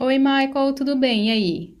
Oi, Michael, tudo bem? E aí?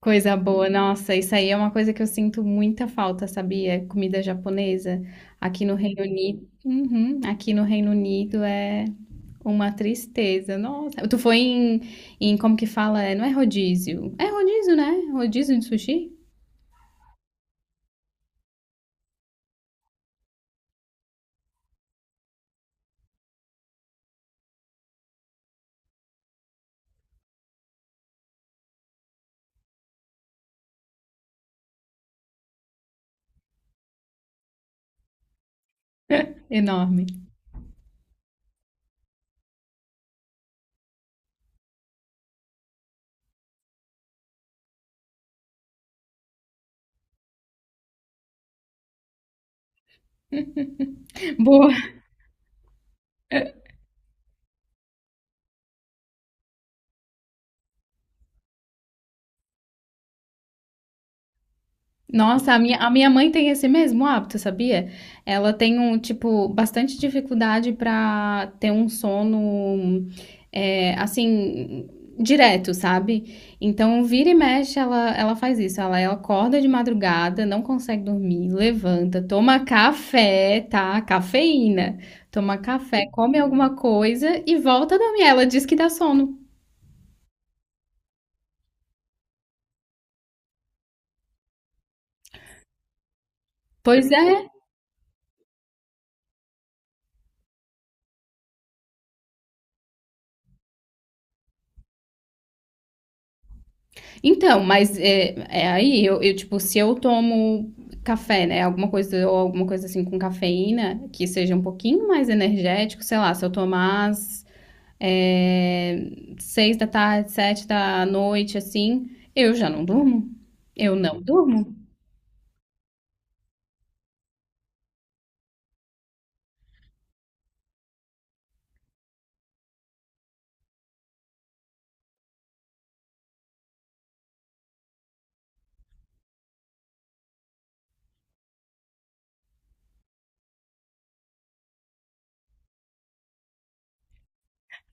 Coisa boa, nossa, isso aí é uma coisa que eu sinto muita falta, sabia? Comida japonesa aqui no Reino Unido. Uhum, aqui no Reino Unido é uma tristeza. Nossa, tu foi em, em como que fala? Não é rodízio? É rodízio, né? Rodízio de sushi? Enorme. Boa. Nossa, a minha mãe tem esse mesmo hábito, sabia? Ela tem um, tipo, bastante dificuldade pra ter um sono, é, assim, direto, sabe? Então, vira e mexe, ela faz isso. Ela acorda de madrugada, não consegue dormir, levanta, toma café, tá? Cafeína. Toma café, come alguma coisa e volta a dormir. Ela diz que dá sono. Pois é. Então, mas é, é aí eu, tipo, se eu tomo café, né? Alguma coisa, ou alguma coisa assim com cafeína, que seja um pouquinho mais energético, sei lá, se eu tomar às é, seis da tarde, sete da noite, assim, eu já não durmo. Eu não durmo.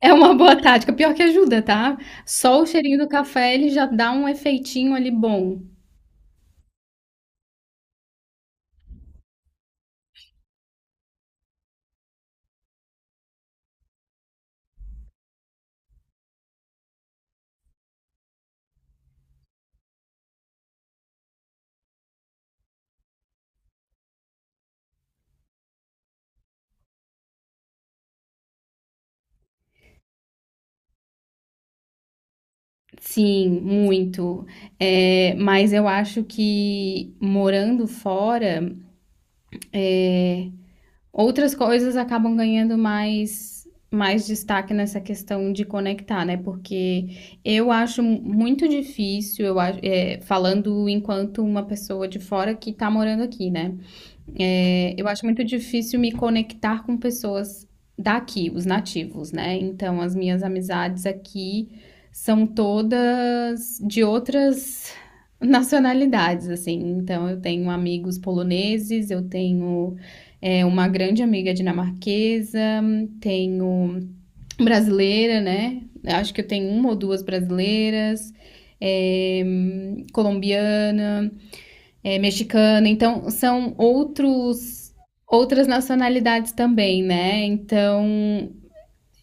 É uma boa tática, pior que ajuda, tá? Só o cheirinho do café, ele já dá um efeitinho ali bom. Sim, muito. É, mas eu acho que morando fora. Outras coisas acabam ganhando mais destaque nessa questão de conectar, né? Porque eu acho muito difícil, eu acho, é, falando enquanto uma pessoa de fora que tá morando aqui, né? É, eu acho muito difícil me conectar com pessoas daqui, os nativos, né? Então, as minhas amizades aqui são todas de outras nacionalidades, assim. Então, eu tenho amigos poloneses, eu tenho é, uma grande amiga dinamarquesa, tenho brasileira, né? Acho que eu tenho uma ou duas brasileiras, é, colombiana é, mexicano. Então, são outros outras nacionalidades também, né? Então,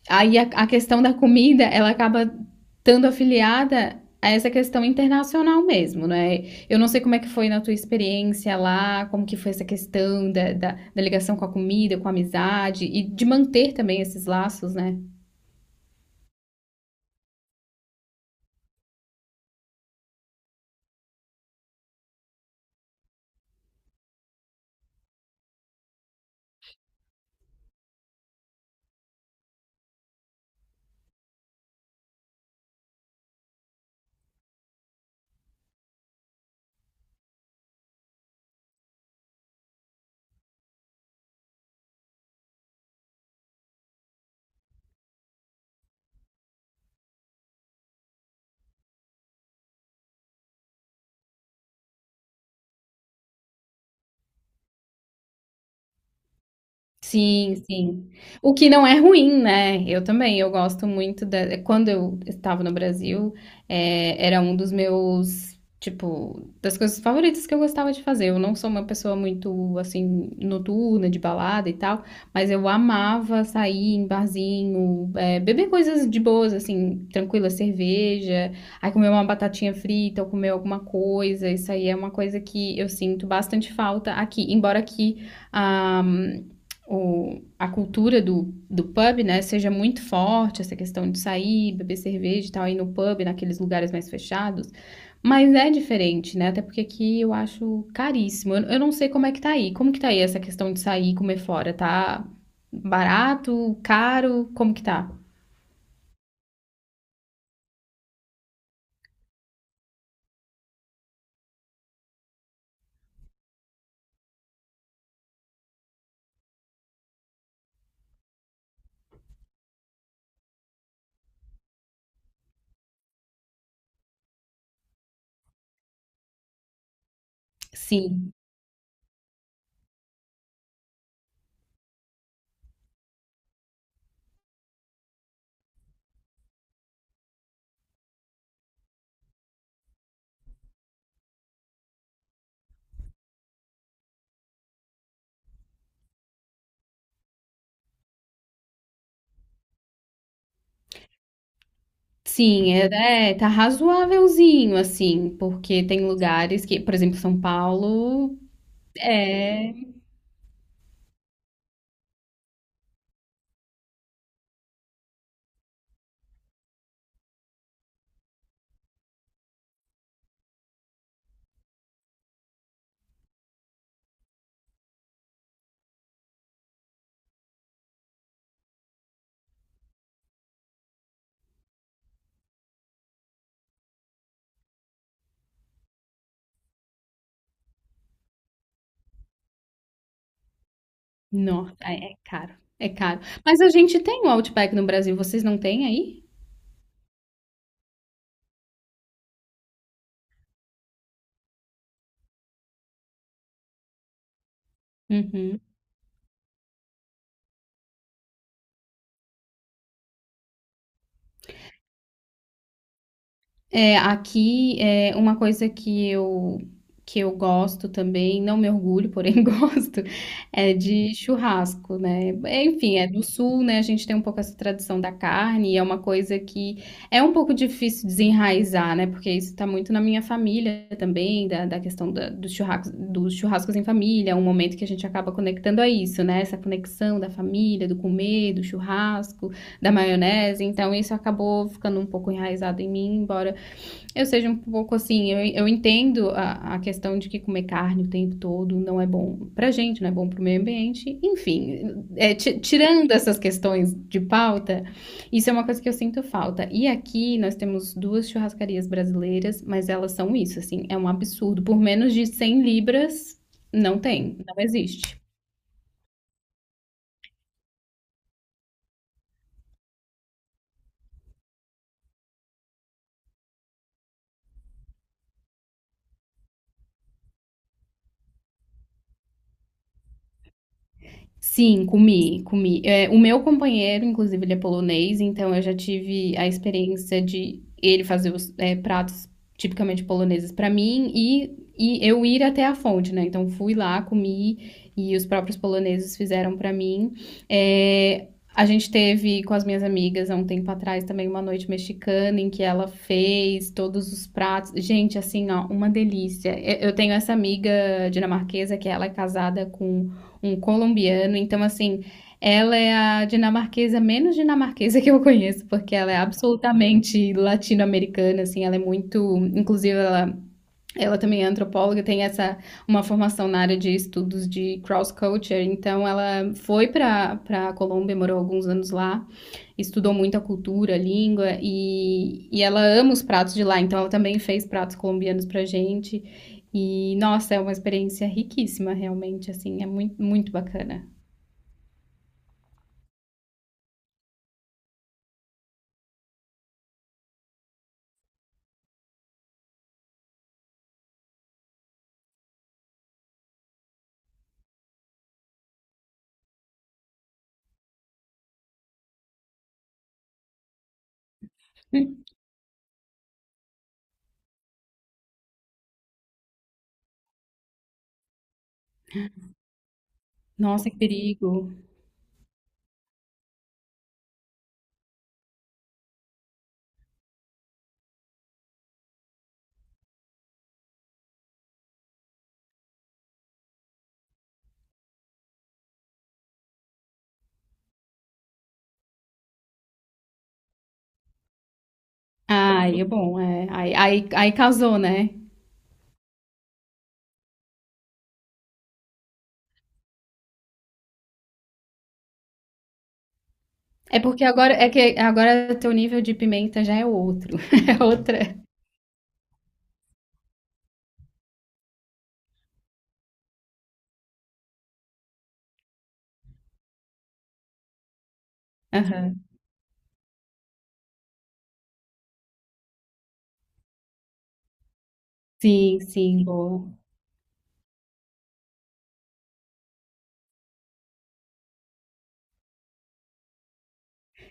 aí a questão da comida, ela acaba estando afiliada a essa questão internacional mesmo, né? Eu não sei como é que foi na tua experiência lá, como que foi essa questão da ligação com a comida, com a amizade e de manter também esses laços, né? Sim, sim. O que não é ruim, né. Eu também, eu gosto muito da quando eu estava no Brasil, era um dos meus, tipo, das coisas favoritas que eu gostava de fazer. Eu não sou uma pessoa muito, assim, noturna, de balada e tal, mas eu amava sair em barzinho, beber coisas de boas, assim, tranquila cerveja, aí comer uma batatinha frita ou comer alguma coisa. Isso aí é uma coisa que eu sinto bastante falta aqui, embora aqui, ah a cultura do pub, né, seja muito forte, essa questão de sair, beber cerveja e tal, ir no pub, naqueles lugares mais fechados. Mas é diferente, né? Até porque aqui eu acho caríssimo. Eu não sei como é que tá aí. Como que tá aí essa questão de sair e comer fora? Tá barato, caro? Como que tá? Sim. Sim, é, é, tá razoávelzinho, assim, porque tem lugares que, por exemplo, São Paulo, é. Nossa, é, é caro, é caro. Mas a gente tem o Outback no Brasil, vocês não têm aí? Uhum. É, aqui é uma coisa que eu gosto também, não me orgulho, porém gosto, é de churrasco, né? Enfim, é do sul, né? A gente tem um pouco essa tradição da carne, e é uma coisa que é um pouco difícil desenraizar, né? Porque isso está muito na minha família também, da questão da- dos churrascos em família, é um momento que a gente acaba conectando a isso, né? Essa conexão da família, do comer, do churrasco, da maionese. Então, isso acabou ficando um pouco enraizado em mim, embora eu seja um pouco assim, eu entendo a questão de que comer carne o tempo todo não é bom pra gente, não é bom pro meio ambiente, enfim, é, ti- tirando essas questões de pauta, isso é uma coisa que eu sinto falta. E aqui nós temos duas churrascarias brasileiras, mas elas são isso, assim, é um absurdo. Por menos de 100 libras, não tem, não existe. Sim, comi, comi. É, o meu companheiro, inclusive, ele é polonês, então eu já tive a experiência de ele fazer os é, pratos tipicamente poloneses para mim e eu ir até a fonte, né? Então fui lá, comi e os próprios poloneses fizeram para mim. É, a gente teve com as minhas amigas há um tempo atrás também uma noite mexicana em que ela fez todos os pratos. Gente, assim, ó, uma delícia. Eu tenho essa amiga dinamarquesa que ela é casada com um colombiano. Então, assim, ela é a dinamarquesa menos dinamarquesa que eu conheço, porque ela é absolutamente latino-americana, assim, ela é muito, inclusive ela também é antropóloga, tem essa uma formação na área de estudos de cross culture, então ela foi para a Colômbia, morou alguns anos lá, estudou muito a cultura, a língua e ela ama os pratos de lá, então ela também fez pratos colombianos pra gente. E nossa, é uma experiência riquíssima, realmente, assim, é muito, muito bacana. Nossa, que perigo. Ai, é bom, é. Aí, aí, aí causou, né? É porque agora é que agora teu nível de pimenta já é outro, é outra. Aham. Sim, sim, boa.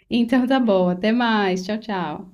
Então tá bom, até mais. Tchau, tchau.